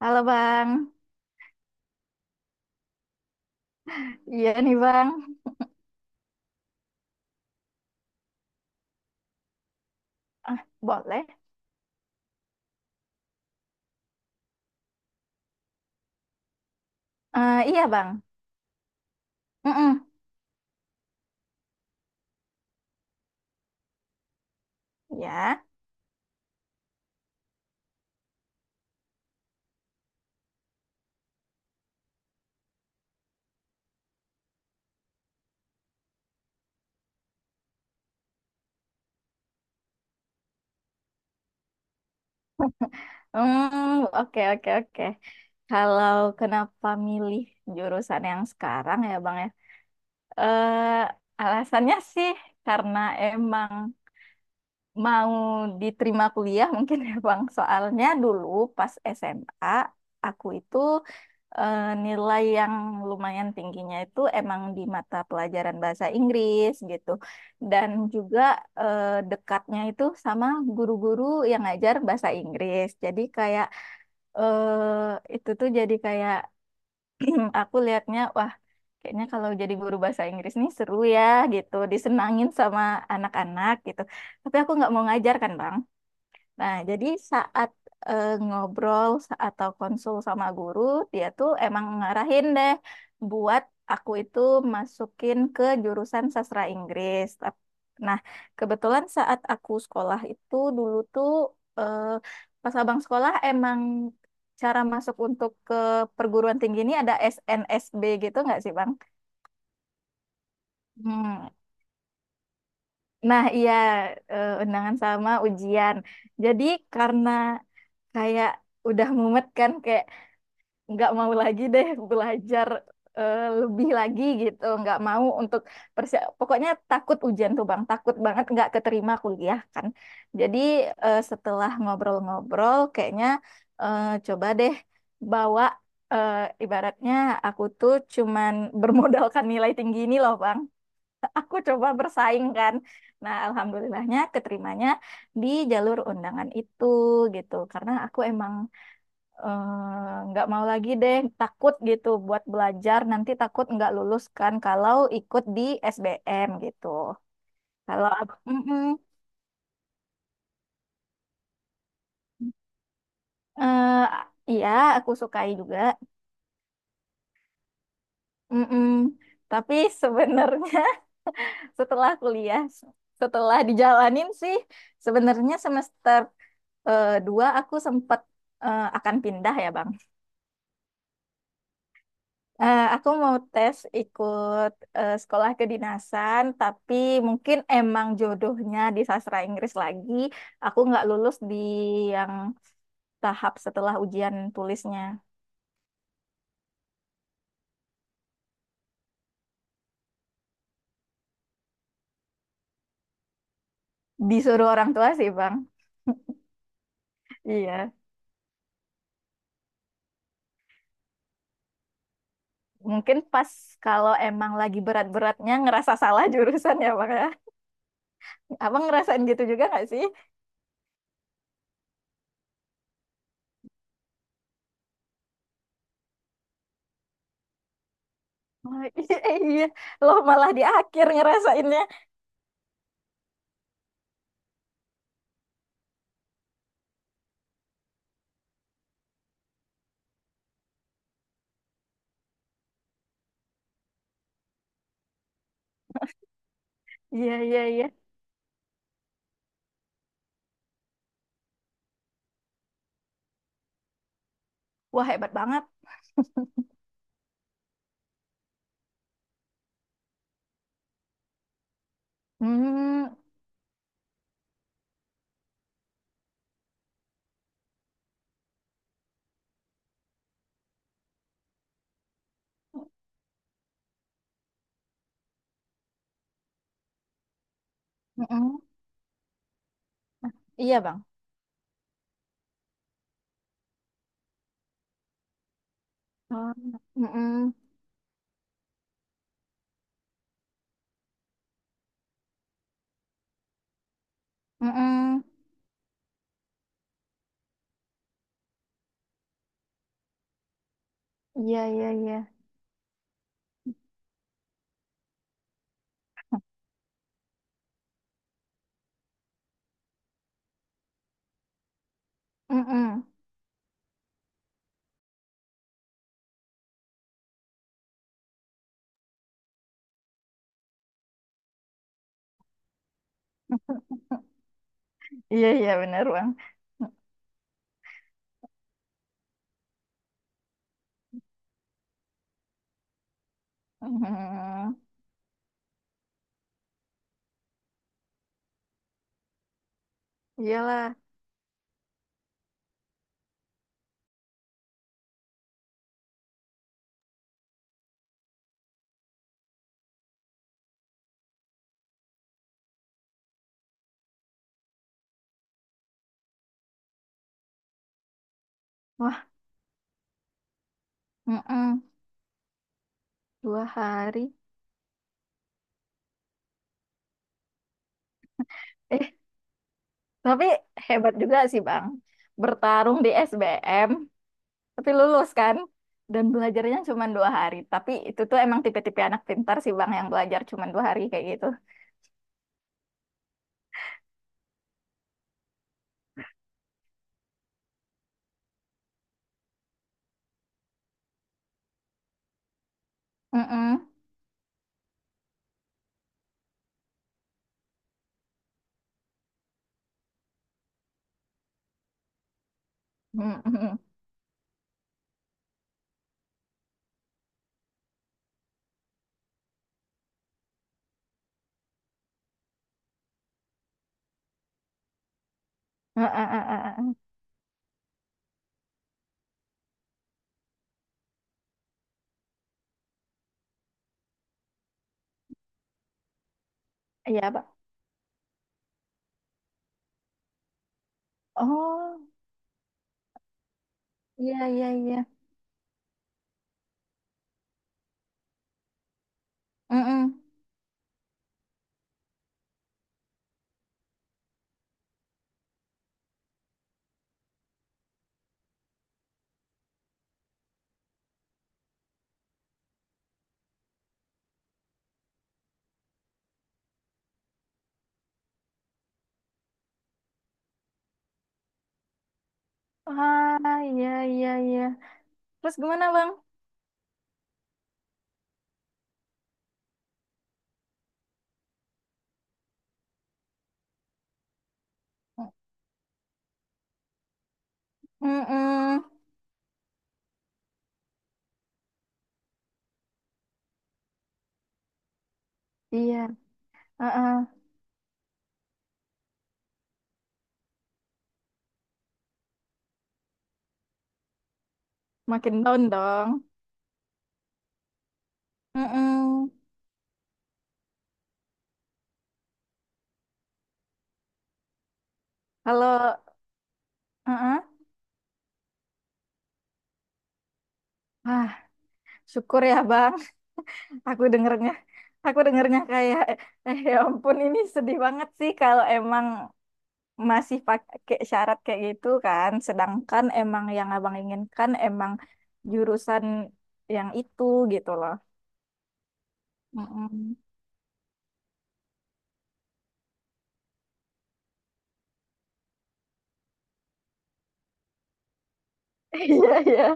Halo Bang, iya nih Bang, Ah, boleh? Iya Bang, Mm-mm. ya, oke oke oke. Kalau kenapa milih jurusan yang sekarang ya Bang ya? Eh, alasannya sih karena emang mau diterima kuliah mungkin ya Bang. Soalnya dulu pas SMA aku itu nilai yang lumayan tingginya itu emang di mata pelajaran bahasa Inggris gitu. Dan juga eh, dekatnya itu sama guru-guru yang ngajar bahasa Inggris. Jadi kayak itu tuh jadi kayak aku lihatnya wah. Kayaknya kalau jadi guru bahasa Inggris nih seru ya gitu, disenangin sama anak-anak gitu. Tapi aku nggak mau ngajar kan, Bang. Nah, jadi saat atau konsul sama guru, dia tuh emang ngarahin deh buat aku itu masukin ke jurusan sastra Inggris. Nah, kebetulan saat aku sekolah itu dulu tuh eh, pas abang sekolah emang cara masuk untuk ke perguruan tinggi ini ada SNSB gitu nggak sih, Bang? Hmm. Nah, iya undangan sama ujian. Jadi karena kayak udah mumet kan kayak nggak mau lagi deh belajar lebih lagi gitu nggak mau untuk pokoknya takut ujian tuh bang takut banget nggak keterima kuliah kan jadi setelah ngobrol-ngobrol kayaknya coba deh bawa eh, ibaratnya aku tuh cuman bermodalkan nilai tinggi ini loh bang, aku coba bersaing kan, nah alhamdulillahnya keterimanya di jalur undangan itu gitu karena aku emang nggak mau lagi deh takut gitu buat belajar nanti takut nggak lulus kan kalau ikut di SBM gitu kalau aku. Mm-mm. Eh, iya aku sukai juga. Mm-mm. Tapi sebenarnya setelah kuliah setelah dijalanin sih sebenarnya semester dua aku sempat akan pindah ya Bang. Eh, aku mau tes ikut sekolah kedinasan, tapi mungkin emang jodohnya di sastra Inggris lagi. Aku nggak lulus di yang tahap setelah ujian tulisnya. Disuruh orang tua sih, Bang. Iya. Mungkin pas kalau emang lagi berat-beratnya ngerasa salah jurusan ya, Bang ya. Abang ngerasain gitu juga nggak sih? Oh, iya, iya. Loh malah di akhir ngerasainnya. Iya, iya, iya. Wah, hebat banget. Hmm. Mm-mm. Iya, Bang. Oh, mm-mm, mm-mm. Iya, iya, iya. Mm-mm. Iya, iya, benar, Bang. Mm-mm. Iyalah. Wah, mm-mm. Dua hari. Eh, tapi hebat juga sih, Bang. Bertarung di SBM, tapi lulus kan? Dan belajarnya cuma dua hari. Tapi itu tuh emang tipe-tipe anak pintar sih, Bang, yang belajar cuma dua hari kayak gitu. Mm-mm. Mm-mm. Eh, eh, eh, eh, eh. Iya, Pak. Oh, iya, iya, iya. Mm-mm. Ah, iya, iya, iya. Terus gimana, Bang? Mm-mm. Iya, uh. Makin down dong. Mm-mm. Kalau, uh. Ah, syukur ya, Bang. Aku dengernya, aku dengernya kayak, eh ya ampun, ini sedih banget sih kalau emang masih pakai syarat kayak gitu kan. Sedangkan emang yang Abang inginkan emang jurusan yang itu gitu loh. Mm-mm. Iya, iya.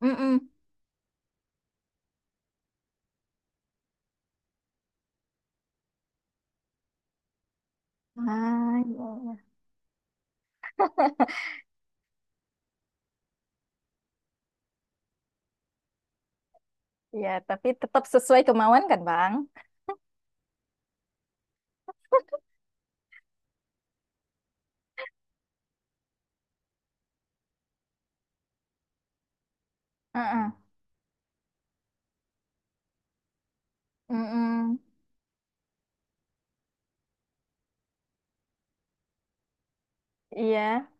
Mm-mm. Ah, iya, iya. Iya, tapi tetap sesuai kemauan kan, Bang? Heeh. Mm-mm. Iya.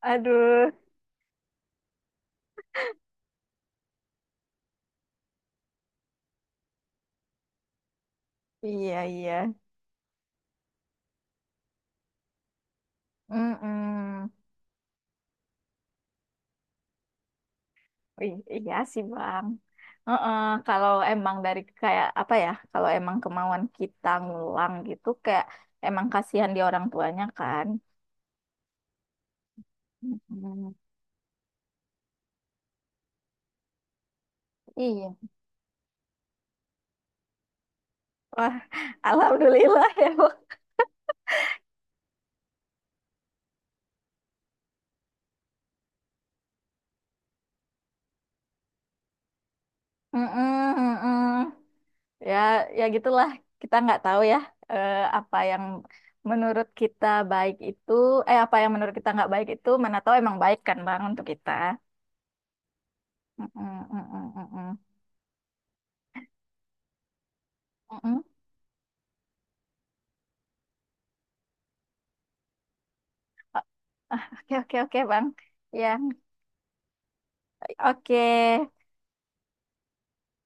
Aduh. Iya, iya. Mm-mm. Ih, iya sih, Bang. Heeh, kalau emang dari kayak apa ya? Kalau emang kemauan kita ngulang gitu, kayak emang kasihan di orang tuanya kan? Mm-mm. Iya. Wah, alhamdulillah ya, bu. Mm-mm, mm-mm. Ya, ya gitulah. Kita nggak tahu ya eh, apa yang menurut kita baik itu, eh apa yang menurut kita nggak baik itu, mana tahu emang baik kan Bang untuk kita. Mm-mm, mm-mm, mm-mm. Mm-mm. Oke, oke, oke Bang. Ya, oke.